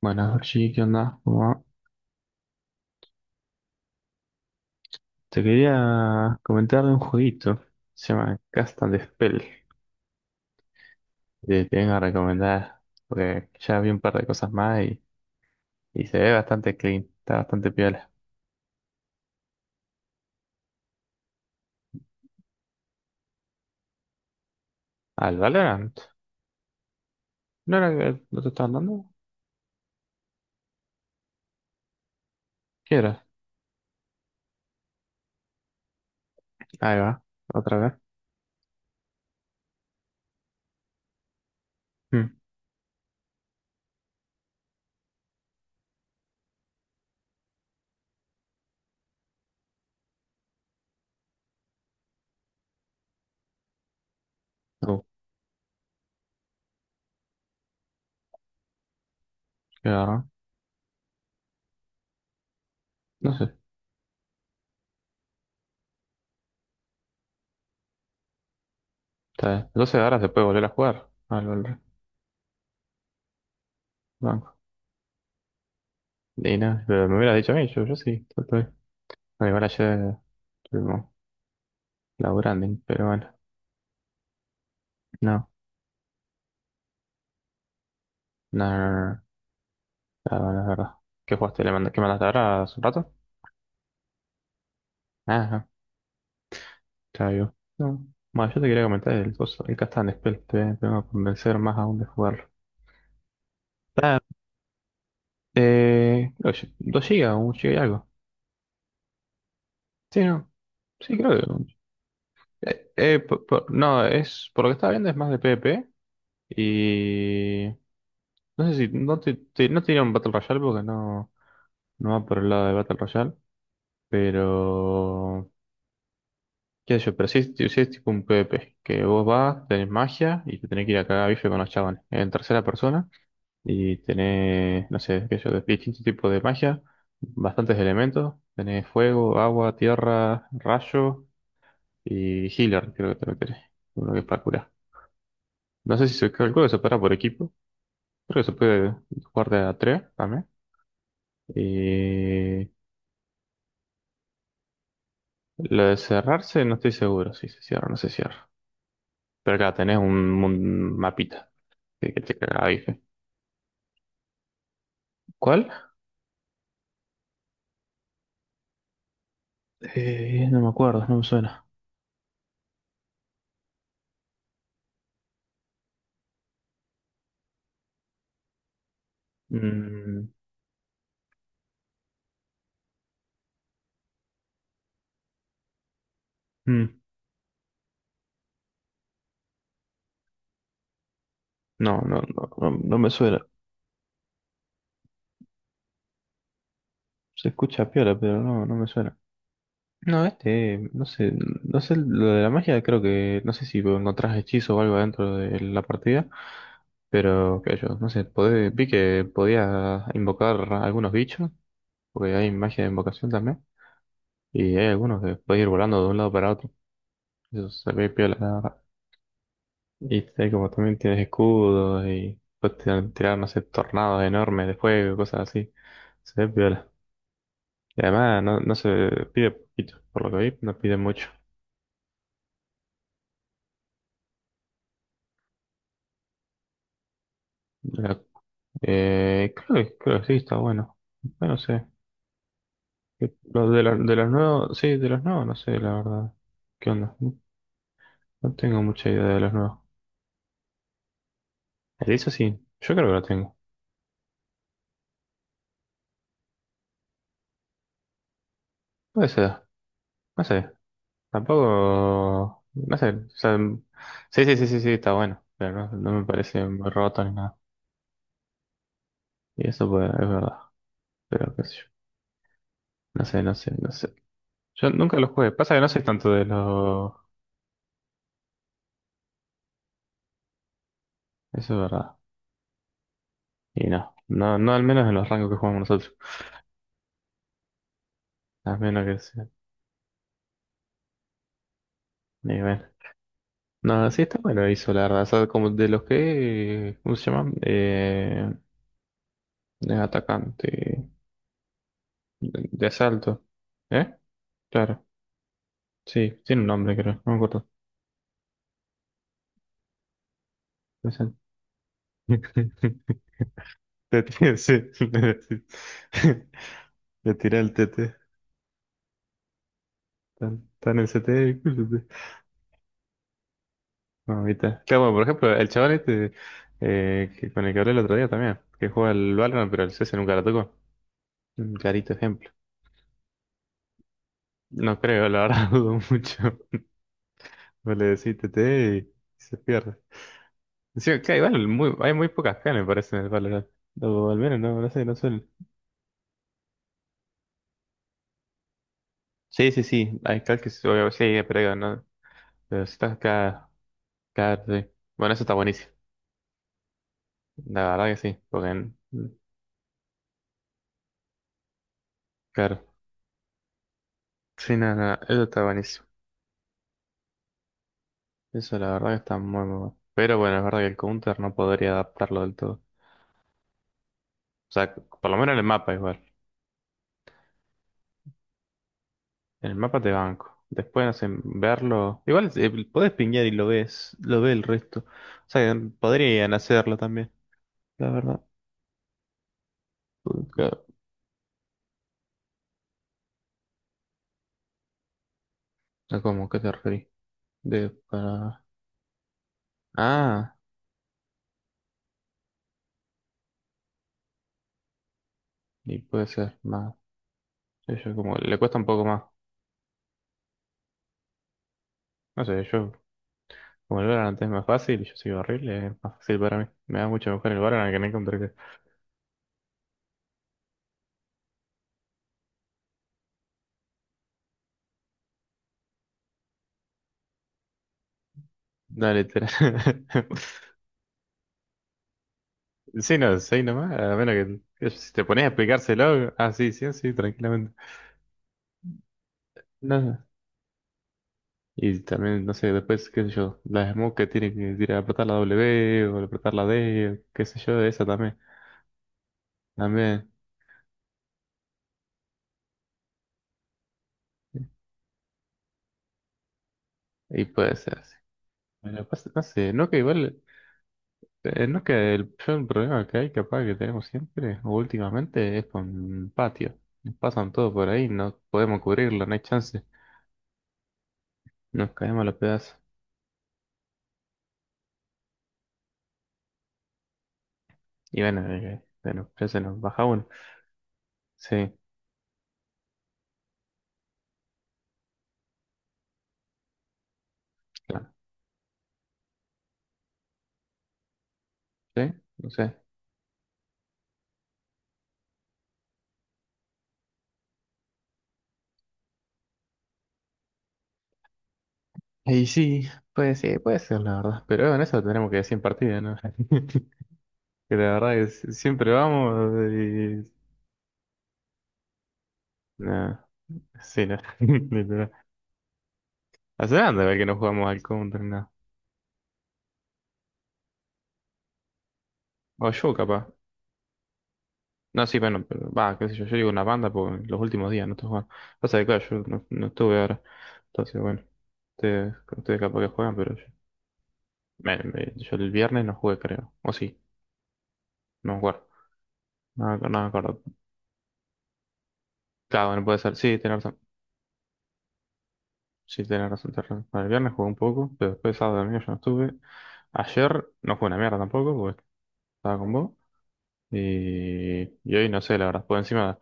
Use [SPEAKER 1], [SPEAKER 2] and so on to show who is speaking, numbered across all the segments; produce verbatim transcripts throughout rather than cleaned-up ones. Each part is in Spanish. [SPEAKER 1] Bueno, Georgie, ¿qué onda? ¿Cómo va? Te quería comentar de un jueguito, se llama Cast and Spell, que te vengo a recomendar, porque ya vi un par de cosas más y, y se ve bastante clean, está bastante piola. ¿Al Valorant? ¿No era que no te estaban dando? ¿Qué era? Ahí va, otra vez. Hmm, uh, Qué garrón. No sé, está bien. doce horas se puede volver a jugar al Valorant. Banco. Y no, pero me hubieras dicho a mí, yo, yo sí, yo estoy. Bueno, igual ayer estuvimos laburando, pero bueno, no, no, no. No, no. Claro, es verdad. ¿Qué jugaste? ¿Le manda- ¿Qué mandaste ahora hace un rato? Ajá, claro, yo. No. Bueno, yo te quería comentar el coso, el Catan Spell, te voy te voy a convencer más aún de jugarlo. Está, eh, oye, dos gigas, un giga y algo. Sí, no. Sí, creo que. Eh, eh, por- por- no, es. Por lo que estaba viendo es más de PvP. Y. No sé si. No te, te- no te diría un Battle Royale porque no. No va por el lado de Battle Royale. Pero. ¿Qué sé yo? Pero sí, es sí es tipo un PvP, que vos vas, tenés magia y te tenés que ir a cagar a bife con los chavales. En tercera persona y tenés, no sé, qué sé yo, distintos tipos de magia, bastantes elementos. Tenés fuego, agua, tierra, rayo y healer, creo que también tenés. Uno que es para curar. No sé si se calcula que se para por equipo. Creo que se puede jugar de a tres también. Y lo de cerrarse no estoy seguro si se cierra o no se cierra. Pero acá tenés un, un mapita que, que te caga a bife. ¿Cuál? Eh, no me acuerdo, no me suena. Mm, mm, no, no, no, no, no me suena. Se escucha piola, pero no, no me suena. No, este, no sé, no sé, lo de la magia creo que, no sé si encontrás hechizo o algo dentro de la partida, pero qué sé yo, no sé, podés- vi que podías invocar algunos bichos, porque hay magia de invocación también, y hay algunos que podés ir volando de un lado para otro. Eso se ve piola, la verdad. Y este, como también tienes escudos y puedes tirar, tirar, no sé, tornados enormes de fuego, cosas así. Se ve piola. Y además no, no se pide poquito, por lo que vi, no pide mucho. La- eh, creo, que- creo que sí, está bueno. Bueno, no sé. Que los de, los de los nuevos, sí, de los nuevos, no sé, la verdad. ¿Qué onda? No, no tengo mucha idea de los nuevos. El eso sí, yo creo que lo tengo. Puede ser, no sé. Tampoco, no sé, o sea, mm, sí, sí, sí, sí, sí, está bueno, pero no, no me parece muy roto ni nada. Y eso pues, es verdad, pero qué sé yo, no sé, no sé, no sé. Yo nunca lo jugué, pasa que no soy tanto de los... Eso es verdad. Y no, no, no al menos en los rangos que jugamos nosotros, al menos que sea nivel. No, sí está bueno hizo, la verdad, o sea, como de los que, ¿cómo se llaman? Eh, de atacante, de, de asalto, ¿eh? Claro, sí, tiene un nombre creo, no me acuerdo. Te tira, sí, le decís. Le tira el tete. Tan, tan el C T. Mamita. Claro, bueno, por ejemplo, el chaval este eh, que con el que hablé el otro día también, que juega al Valorant, pero el C S nunca lo tocó. Un clarito ejemplo. No creo, la verdad, dudo mucho. Vos le decís T T y se pierde. Encima, claro, igual, muy, hay muy pocas canes, me parece, en el Valorant. O al menos, no, no sé, no suelen. Sí, sí, sí, hay cal que se- sí, pero digo, no. Pero si estás acá, acá, sí. Bueno, eso está buenísimo. La verdad que sí, porque, en- claro, sí, nada no, eso está buenísimo. Eso la verdad que está muy, muy bueno. Pero bueno, es verdad que el counter no podría adaptarlo del todo. O sea, por lo menos en el mapa igual. En el mapa te banco. Después, no sé, verlo. Igual eh, podés pinguear y lo ves, lo ve el resto. O sea, que podrían hacerlo también, la verdad. Porque, ah, ¿cómo? ¿Qué te referís? De para... Ah, y puede ser más. Ellos como, le cuesta un poco más. No sé, yo como el Valorant es más fácil, yo soy horrible, es más fácil para mí. Me da mucho mejor el Valorant que no encontré. No, literal. Sí, no, seis nomás, a menos que, que si te pones a explicárselo, ah, sí, sí, sí, tranquilamente. No, y también, no sé, después, qué sé yo, la smoke que tiene que tirar, apretar la W o apretar la D, o qué sé yo, esa también, también, y puede ser así. Bueno, pasa- no sé, no que igual. Eh, no que el yo el problema que hay, capaz que tenemos siempre, o últimamente, es con patio. Nos pasan todo por ahí, no podemos cubrirlo, no hay chance. Nos caemos a los pedazos. Y bueno, eh, bueno, ya se nos baja uno. Sí, claro. ¿Sí? No sé. Y sí, puede ser, puede ser, la verdad. Pero en eso tenemos que decir en partida, ¿no? Que la verdad es siempre vamos y... No, sí, no. Literal. Hace nada de ver que no jugamos al counter, nada. O yo, capaz. No, sí, bueno, pero va, qué sé yo, yo digo una banda porque los últimos días no estoy jugando. Pasa que, claro, yo no, no estuve ahora. Entonces, bueno, ustedes, ustedes capaz que juegan, pero yo, me- me- yo el viernes no jugué, creo. O sí, no jugar. No, me ac- no me acuerdo. Claro, bueno, puede ser. Sí, tenés razón. Sí, tenés razón, tenés razón. Bueno, el viernes jugué un poco, pero después sábado y domingo yo no estuve. Ayer no jugué una mierda tampoco, porque estaba con vos. Y, y hoy no sé, la verdad. Por encima,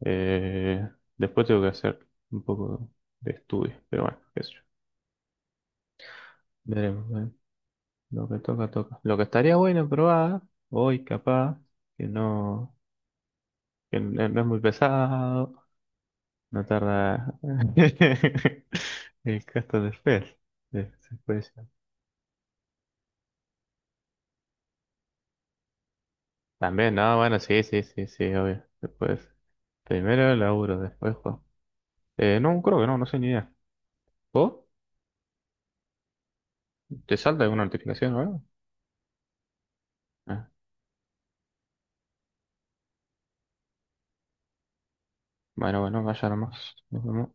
[SPEAKER 1] eh, después tengo que hacer un poco de estudio, pero bueno, qué sé yo. Veremos. Lo que toca, toca. Lo que estaría bueno probar hoy, capaz, que no, que no no es muy pesado, no tarda el gasto de fe. De- se puede decir. También, no, bueno, sí, sí, sí, sí, obvio. Después, primero el laburo, después juego. Eh, no, creo que no, no sé ni idea. ¿Vos? ¿Te salta alguna notificación o algo? Ah, bueno, bueno, vaya nomás. Nos vemos.